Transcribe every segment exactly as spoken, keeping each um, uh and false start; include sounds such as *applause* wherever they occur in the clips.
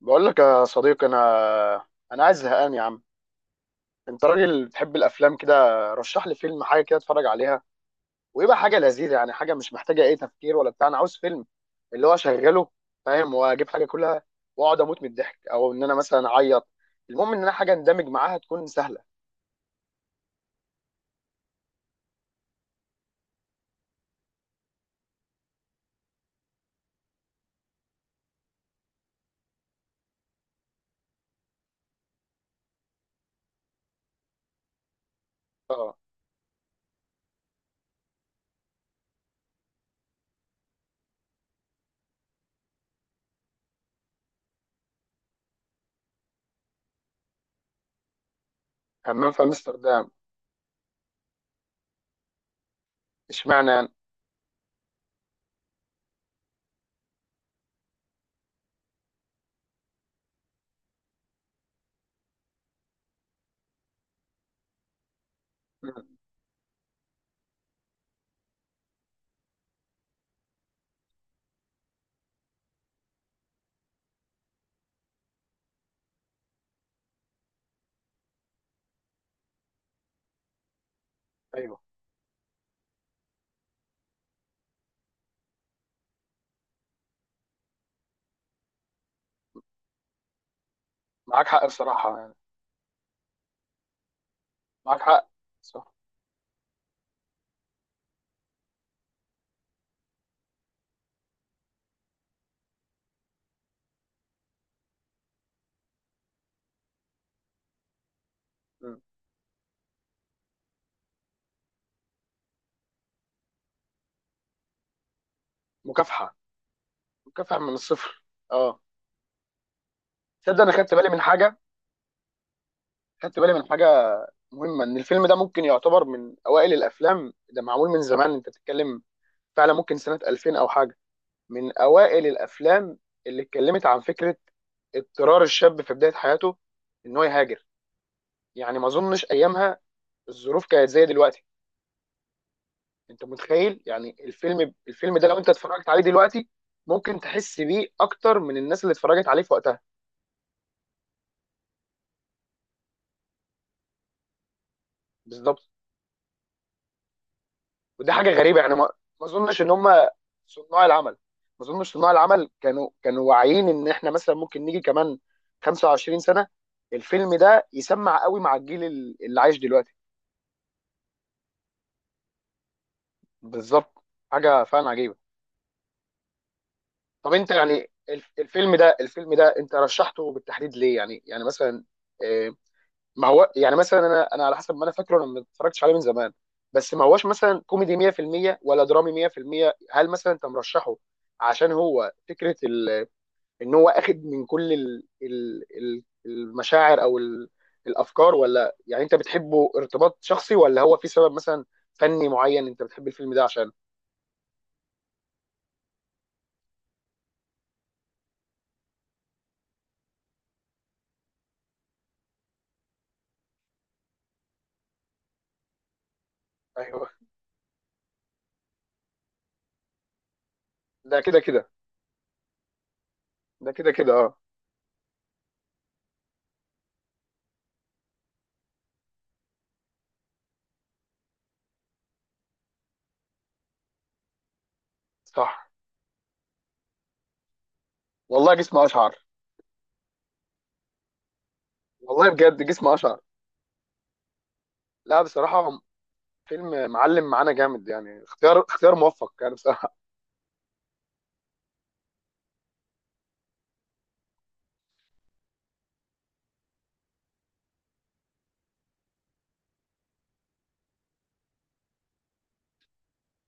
بقول لك يا صديقي، انا انا عايز زهقان يا عم. انت راجل بتحب الافلام كده، رشح لي فيلم، حاجه كده اتفرج عليها ويبقى حاجه لذيذه، يعني حاجه مش محتاجه اي تفكير ولا بتاع. انا عاوز فيلم اللي هو اشغله فاهم، واجيب حاجه كلها واقعد اموت من الضحك، او ان انا مثلا اعيط. المهم ان انا حاجه اندمج معاها تكون سهله. اه. همام في امستردام. اشمعنى يعني؟ مم. ايوه. معاك حق بصراحه يعني. معاك حق، صح. مم. مكافحه، مكافحه من الصفر. اه. تصدق انا خدت بالي من حاجه خدت بالي من حاجه مهمه، ان الفيلم ده ممكن يعتبر من اوائل الافلام، ده معمول من زمان انت بتتكلم، فعلا ممكن سنه ألفين او حاجه. من اوائل الافلام اللي اتكلمت عن فكره اضطرار الشاب في بدايه حياته ان هو يهاجر. يعني ما اظنش ايامها الظروف كانت زي دلوقتي. انت متخيل يعني الفيلم الفيلم ده لو انت اتفرجت عليه دلوقتي، ممكن تحس بيه اكتر من الناس اللي اتفرجت عليه في وقتها. بالظبط. ودي حاجه غريبه يعني. ما ما اظنش ان هم صناع العمل، ما اظنش صناع العمل كانوا كانوا واعيين ان احنا مثلا ممكن نيجي كمان خمسة وعشرين سنه الفيلم ده يسمع قوي مع الجيل ال- اللي عايش دلوقتي. بالظبط. حاجه فعلا عجيبه. طب انت يعني الف- الفيلم ده الفيلم ده انت رشحته بالتحديد ليه، يعني يعني مثلا، آه، ما هو يعني مثلا انا انا على حسب ما انا فاكره، انا ما اتفرجتش عليه من زمان. بس ما هوش مثلا كوميدي مية في المية ولا درامي مية في المية. هل مثلا انت مرشحه عشان هو فكره ان هو اخد من كل ال ال ال المشاعر او ال الافكار، ولا يعني انت بتحبه ارتباط شخصي، ولا هو في سبب مثلا فني معين انت بتحب الفيلم ده عشان. ايوه. ده كده كده. ده كده كده، اه. صح. والله جسم اشعر. والله بجد جسم اشعر. لا بصراحه، فيلم معلم معانا جامد يعني، اختيار اختيار موفق يعني بصراحه.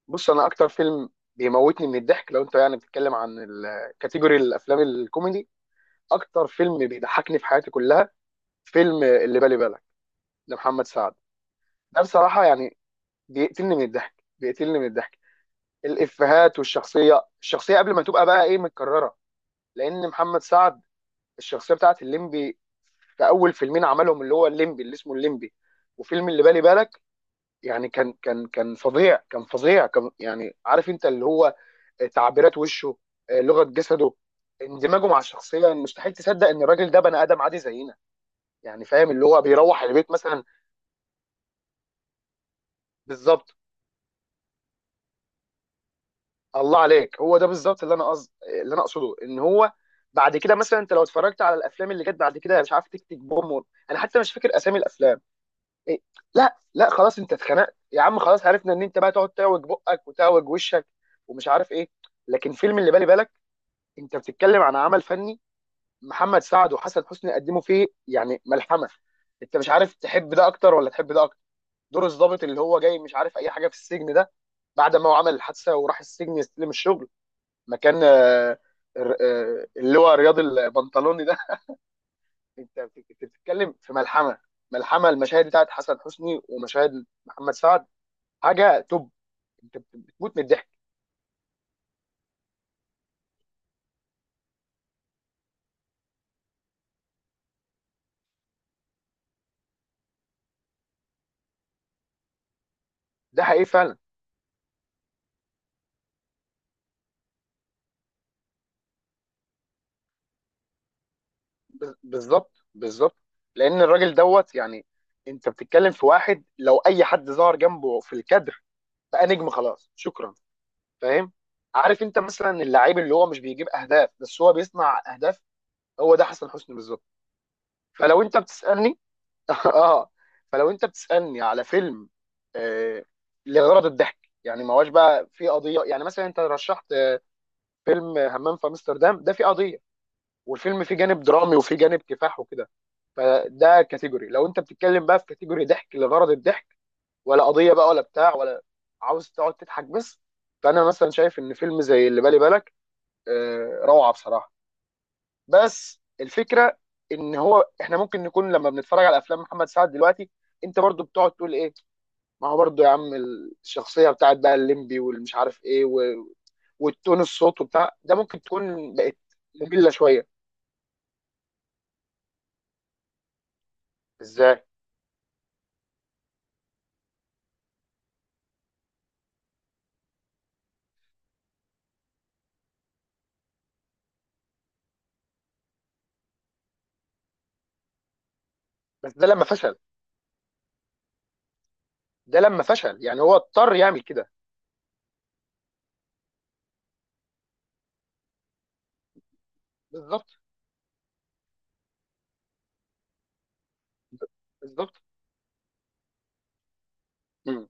بص، انا اكتر فيلم بيموتني من الضحك لو انت يعني بتتكلم عن الكاتيجوري الافلام الكوميدي، اكتر فيلم بيضحكني في حياتي كلها، فيلم اللي بالي بالك لمحمد سعد. ده بصراحه يعني بيقتلني من الضحك، بيقتلني من الضحك. الافيهات والشخصيه، الشخصيه قبل ما تبقى بقى ايه متكرره. لان محمد سعد الشخصيه بتاعت الليمبي في اول فيلمين عملهم، اللي هو الليمبي، اللي اسمه الليمبي، وفيلم اللي بالي بالك، يعني كان كان كان فظيع كان فظيع كان يعني عارف انت اللي هو تعبيرات وشه، آه، لغه جسده، اندماجه مع الشخصيه. مستحيل تصدق ان الراجل ده بني ادم عادي زينا، يعني فاهم، اللي هو بيروح البيت مثلا. بالظبط. الله عليك، هو ده بالظبط اللي انا قصد اللي انا اقصده. ان هو بعد كده مثلا، انت لو اتفرجت على الافلام اللي جت بعد كده، مش عارف، تيك تيك بوم و... انا حتى مش فاكر اسامي الافلام. إيه؟ لا لا، خلاص انت اتخنقت يا عم، خلاص عرفنا ان انت بقى تقعد تاوج بقك وتاوج وشك ومش عارف ايه. لكن فيلم اللي بالي بالك، انت بتتكلم عن عمل فني. محمد سعد وحسن حسني قدموا فيه يعني ملحمه. انت مش عارف تحب ده اكتر ولا تحب ده اكتر. دور الضابط اللي هو جاي مش عارف اي حاجه في السجن ده، بعد ما هو عمل الحادثه وراح السجن يستلم الشغل مكان آه، الر- آه، اللي هو رياض البنطلوني ده. *laughs* انت بت- بتتكلم في ملحمه. ملحمه، المشاهد بتاعت حسن حسني ومشاهد محمد سعد، حاجه توب. انت بت- بتموت من الضحك. ده حقيقي فعلا. بز- بالظبط بالظبط. لان الراجل دوت يعني، انت بتتكلم في واحد لو اي حد ظهر جنبه في الكادر بقى نجم، خلاص شكرا، فاهم. عارف انت مثلا اللعيب اللي هو مش بيجيب اهداف بس هو بيصنع اهداف، هو ده حسن حسني بالظبط. فلو انت بتسالني *laughs* اه. فلو انت بتسالني على فيلم آه لغرض الضحك، يعني ما هوش بقى في قضيه، يعني مثلا انت رشحت فيلم همام في امستردام، ده فيه قضيه والفيلم فيه جانب درامي وفيه جانب كفاح وكده. فده كاتيجوري. لو انت بتتكلم بقى في كاتيجوري ضحك لغرض الضحك، ولا قضيه بقى ولا بتاع، ولا عاوز تقعد تضحك بس. فانا مثلا شايف ان فيلم زي اللي بالي بالك آه روعه بصراحه. بس الفكره ان هو احنا ممكن نكون لما بنتفرج على افلام محمد سعد دلوقتي، انت برضو بتقعد تقول ايه. ما هو برضه يا عم، الشخصية بتاعت بقى الليمبي، والمش عارف ايه، و... والتون الصوت وبتاع ده ممكن تكون بقت مملة شوية. ازاي؟ بس ده لما فشل، ده لما فشل يعني هو اضطر يعمل كده. بالظبط، بالظبط. مم.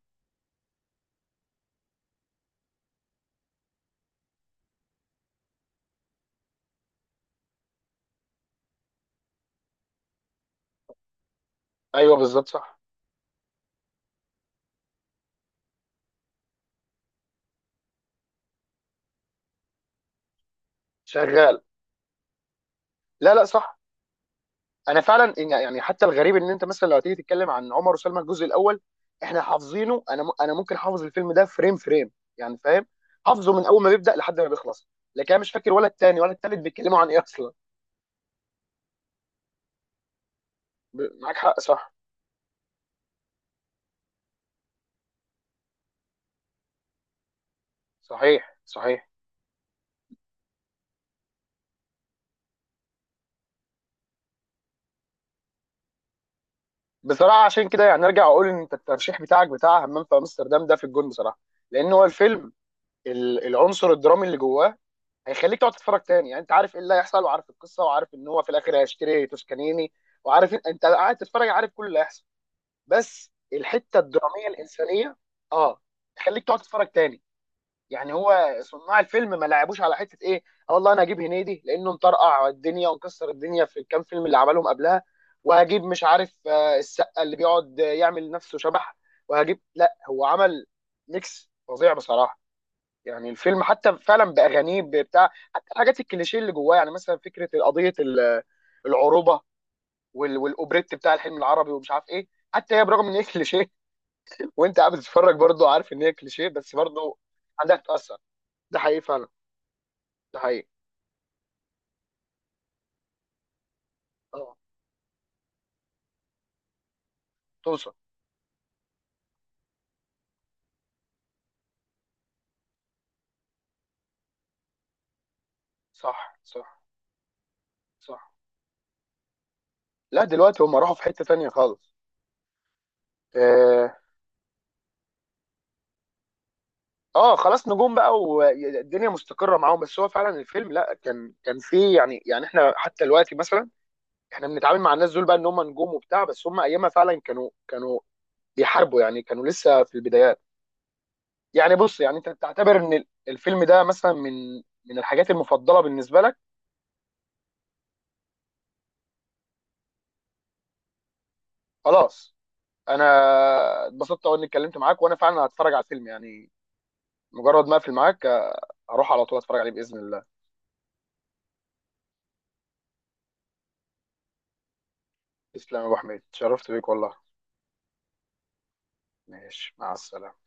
ايوه بالظبط، صح. شغال. لا لا صح. انا فعلا إن- يعني حتى الغريب، ان انت مثلا لو هتيجي تتكلم عن عمر وسلمى الجزء الاول، احنا حافظينه. انا م- انا ممكن حافظ الفيلم ده فريم فريم، يعني فاهم. حافظه من اول ما بيبدأ لحد ما بيخلص. لكن انا مش فاكر ولا التاني ولا التالت بيتكلموا عن ايه اصلا. ب- معاك حق، صح. صحيح، صحيح. بصراحه عشان كده يعني ارجع اقول ان انت الترشيح بتاعك بتاع همام في امستردام ده في الجون بصراحه. لان هو الفيلم، ال- العنصر الدرامي اللي جواه هيخليك تقعد تتفرج تاني. يعني انت عارف ايه اللي هيحصل، وعارف القصه، وعارف ان هو في الاخر هيشتري توسكانيني، وعارف إن- انت قاعد تتفرج عارف كل اللي هيحصل. بس الحته الدراميه الانسانيه، اه، تخليك تقعد تتفرج تاني. يعني هو صناع الفيلم ما لعبوش على حته ايه. آه والله، انا هجيب هنيدي لانه مطرقع الدنيا ومكسر الدنيا في الكام فيلم اللي عملهم قبلها، وهجيب مش عارف آه، السقا اللي بيقعد آه، يعمل نفسه شبح، وهجيب. لا هو عمل ميكس فظيع بصراحه. يعني الفيلم حتى فعلا باغانيه بتاع، حتى الحاجات الكليشيه اللي جواه، يعني مثلا فكره قضيه ال- العروبه وال- والاوبريت بتاع الحلم العربي ومش عارف ايه. حتى هي برغم ان هي كليشيه *laughs* وانت قاعد بتتفرج برضه عارف ان هي كليشيه، بس برضه عندها تتاثر. ده حقيقي فعلا. ده حقيقي. اه، توصل. صح، صح، صح. لا دلوقتي هم راحوا في حتة تانية خالص. اه, آه خلاص، نجوم بقى والدنيا مستقرة معاهم. بس هو فعلا الفيلم، لا كان كان فيه يعني، يعني احنا حتى دلوقتي مثلا، احنا بنتعامل مع الناس دول بقى ان هم نجوم وبتاع. بس هم ايامها فعلا كانوا كانوا بيحاربوا، يعني كانوا لسه في البدايات. يعني بص، يعني انت تعتبر ان الفيلم ده مثلا من من الحاجات المفضلة بالنسبة لك. خلاص. انا اتبسطت أوي اني اتكلمت معاك، وانا فعلا هتفرج على الفيلم يعني، مجرد ما اقفل معاك هروح على طول اتفرج عليه باذن الله. تسلم يا ابو حميد، اتشرفت بيك والله. ماشي، مع السلامه.